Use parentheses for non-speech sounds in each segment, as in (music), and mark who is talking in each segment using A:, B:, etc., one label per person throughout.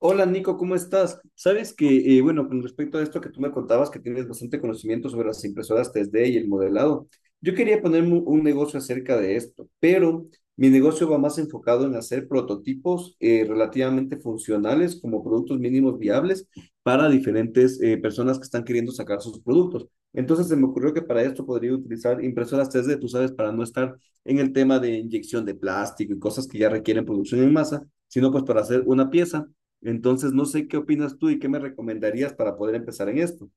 A: Hola Nico, ¿cómo estás? Sabes que, bueno, con respecto a esto que tú me contabas, que tienes bastante conocimiento sobre las impresoras 3D y el modelado, yo quería ponerme un negocio acerca de esto, pero mi negocio va más enfocado en hacer prototipos relativamente funcionales como productos mínimos viables para diferentes personas que están queriendo sacar sus productos. Entonces se me ocurrió que para esto podría utilizar impresoras 3D, tú sabes, para no estar en el tema de inyección de plástico y cosas que ya requieren producción en masa, sino pues para hacer una pieza. Entonces, no sé qué opinas tú y qué me recomendarías para poder empezar en esto.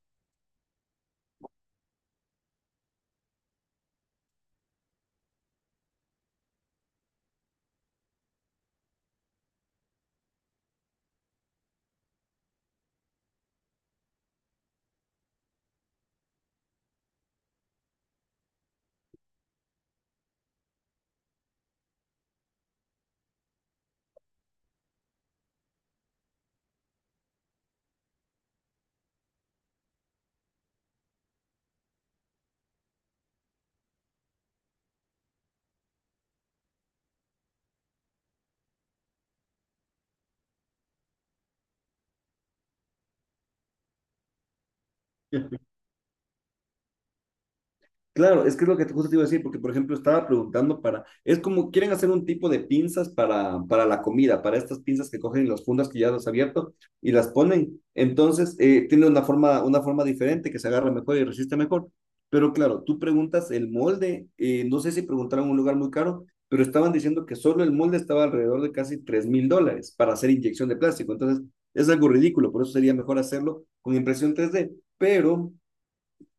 A: Claro, es que es lo que justo te iba a decir, porque por ejemplo estaba preguntando para, es como quieren hacer un tipo de pinzas para la comida, para estas pinzas que cogen las fundas que ya las has abierto y las ponen. Entonces tiene una forma diferente que se agarra mejor y resiste mejor, pero claro, tú preguntas el molde, no sé si preguntaron un lugar muy caro, pero estaban diciendo que solo el molde estaba alrededor de casi $3,000 para hacer inyección de plástico, entonces es algo ridículo. Por eso sería mejor hacerlo con impresión 3D, pero...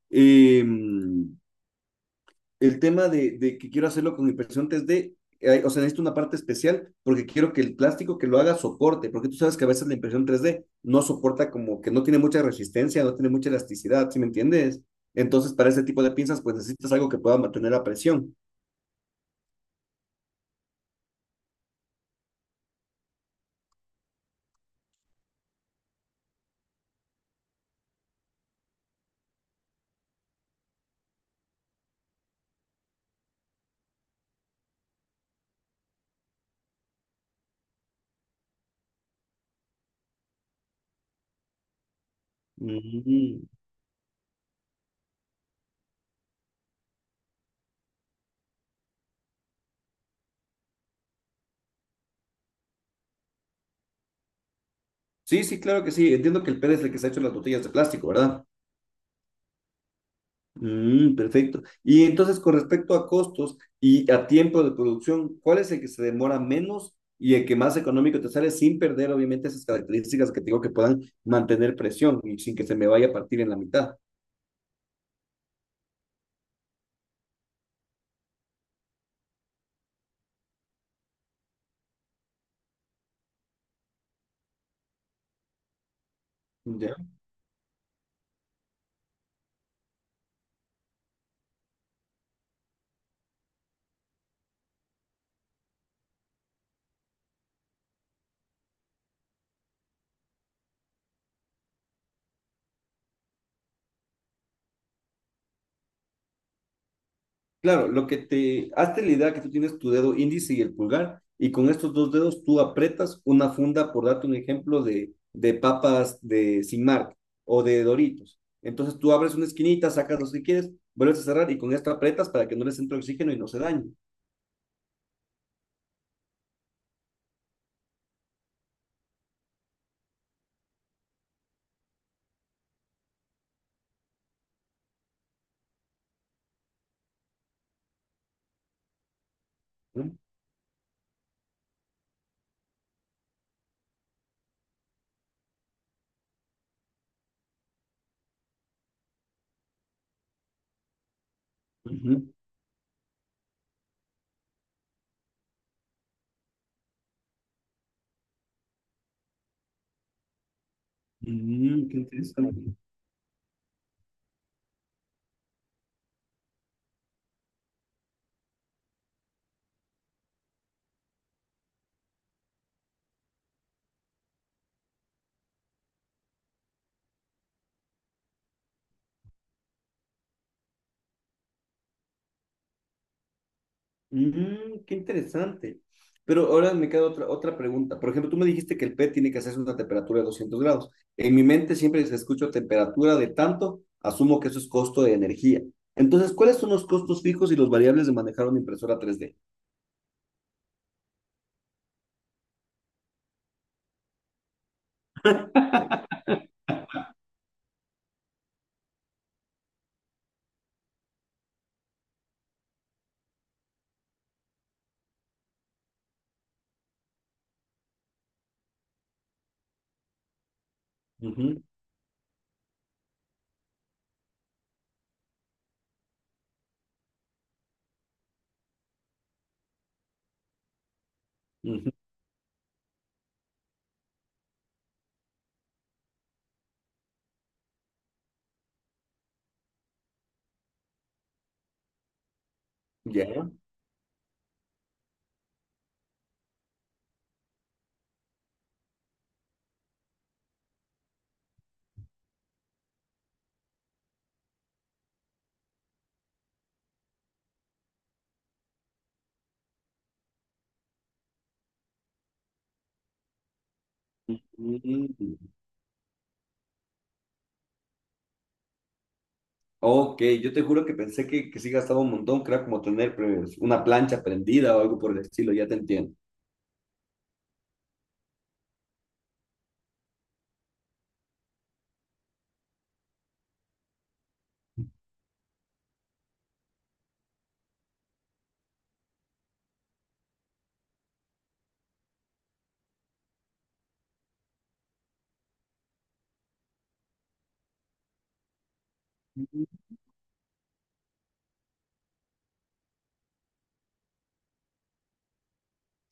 A: em, el tema de que quiero hacerlo con impresión 3D, o sea, necesito una parte especial porque quiero que el plástico que lo haga soporte, porque tú sabes que a veces la impresión 3D no soporta, como que no tiene mucha resistencia, no tiene mucha elasticidad. ¿Sí me entiendes? Entonces, para ese tipo de pinzas, pues necesitas algo que pueda mantener la presión. Mm. Sí, sí, claro que sí. Entiendo que el PED es el que se ha hecho las botellas de plástico, ¿verdad? Mm, perfecto. Y entonces, con respecto a costos y a tiempo de producción, ¿cuál es el que se demora menos y el que más económico te sale sin perder, obviamente, esas características que te digo que puedan mantener presión y sin que se me vaya a partir en la mitad? Ya. Claro, lo que hazte la idea que tú tienes tu dedo índice y el pulgar, y con estos dos dedos tú aprietas una funda, por darte un ejemplo, de papas de Sin Marca o de Doritos. Entonces tú abres una esquinita, sacas los que quieres, vuelves a cerrar y con esto aprietas para que no les entre oxígeno y no se dañe, ¿no? Ujú. Mm, qué interesante. Mm, qué interesante. Pero ahora me queda otra pregunta. Por ejemplo, tú me dijiste que el PET tiene que hacerse una temperatura de 200 grados. En mi mente siempre se escucha temperatura de tanto, asumo que eso es costo de energía. Entonces, ¿cuáles son los costos fijos y los variables de manejar una impresora 3D? Ujú, ujú, ya. Mm. Ok, yo te juro que pensé que sí gastaba un montón, que era como tener pues, una plancha prendida o algo por el estilo, ya te entiendo.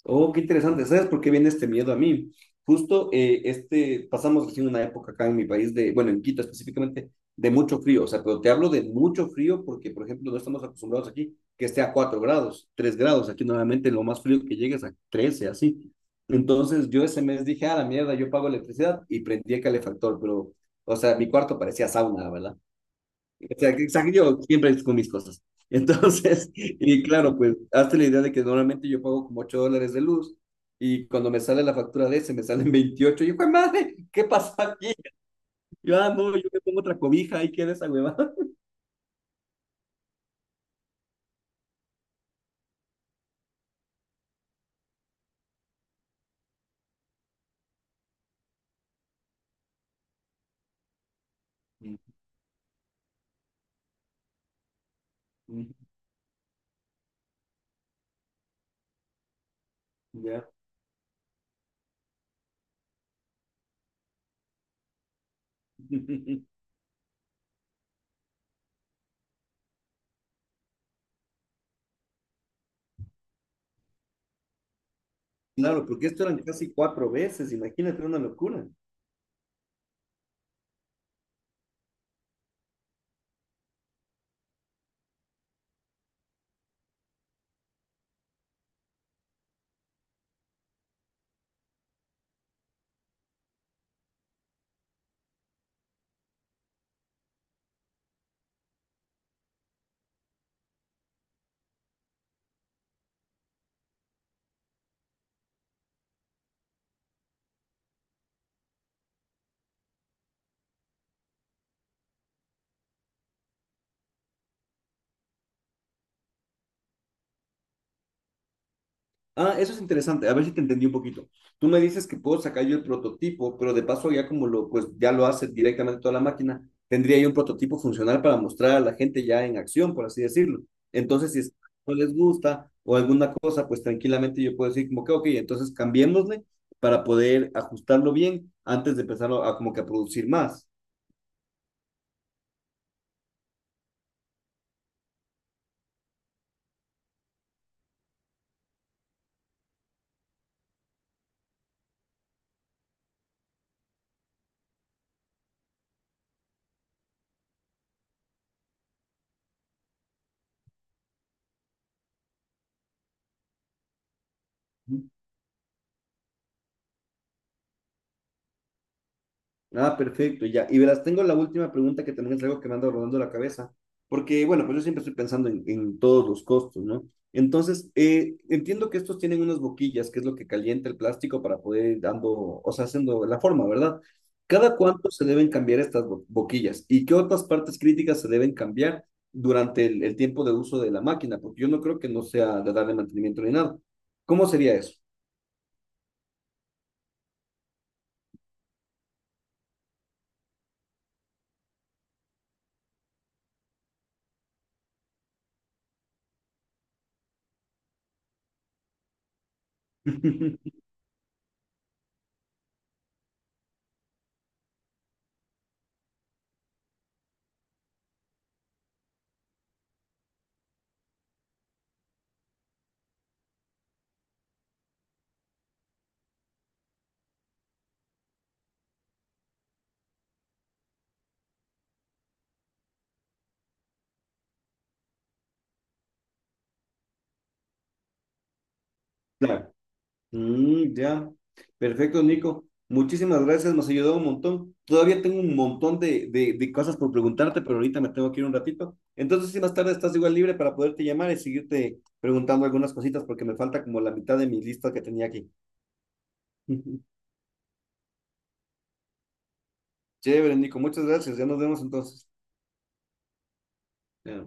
A: Oh, qué interesante. ¿Sabes por qué viene este miedo a mí? Justo este, pasamos recién una época acá en mi país de, bueno, en Quito específicamente, de mucho frío. O sea, pero te hablo de mucho frío porque, por ejemplo, no estamos acostumbrados aquí que esté a 4 grados, 3 grados. Aquí normalmente lo más frío que llega es a 13, así. Entonces yo ese mes dije, a la mierda, yo pago electricidad y prendí el calefactor, pero, o sea, mi cuarto parecía sauna, ¿verdad? O sea, o yo siempre con mis cosas. Entonces, (laughs) y claro, pues hazte la idea de que normalmente yo pago como $8 de luz, y cuando me sale la factura de ese me salen (laughs) 28. Y yo, "Jue madre, ¿qué pasó aquí?" Yo, ah, no, yo me pongo otra cobija, ahí queda esa huevada. (laughs) Mm, mm. Ya. (laughs) Claro, porque esto eran casi cuatro veces, imagínate, una locura. Ah, eso es interesante. A ver si te entendí un poquito. Tú me dices que puedo sacar yo el prototipo, pero de paso ya como lo, pues ya lo hace directamente toda la máquina, tendría yo un prototipo funcional para mostrar a la gente ya en acción, por así decirlo. Entonces, si es que no les gusta o alguna cosa, pues tranquilamente yo puedo decir como que, ok, entonces cambiémosle para poder ajustarlo bien antes de empezar a como que a producir más. Ah, perfecto, ya. Y verás, tengo la última pregunta que también es algo que me anda rodando la cabeza, porque bueno, pues yo siempre estoy pensando en todos los costos, ¿no? Entonces, entiendo que estos tienen unas boquillas, que es lo que calienta el plástico para poder ir dando, o sea, haciendo la forma, ¿verdad? ¿Cada cuánto se deben cambiar estas boquillas? ¿Y qué otras partes críticas se deben cambiar durante el tiempo de uso de la máquina? Porque yo no creo que no sea de darle mantenimiento ni nada. ¿Cómo sería eso? (laughs) Claro. Mm, ya. Perfecto, Nico. Muchísimas gracias, nos ayudó un montón. Todavía tengo un montón de, cosas por preguntarte, pero ahorita me tengo que ir un ratito. Entonces, si más tarde estás igual libre para poderte llamar y seguirte preguntando algunas cositas, porque me falta como la mitad de mi lista que tenía aquí. (laughs) Chévere, Nico, muchas gracias. Ya nos vemos entonces. Ya.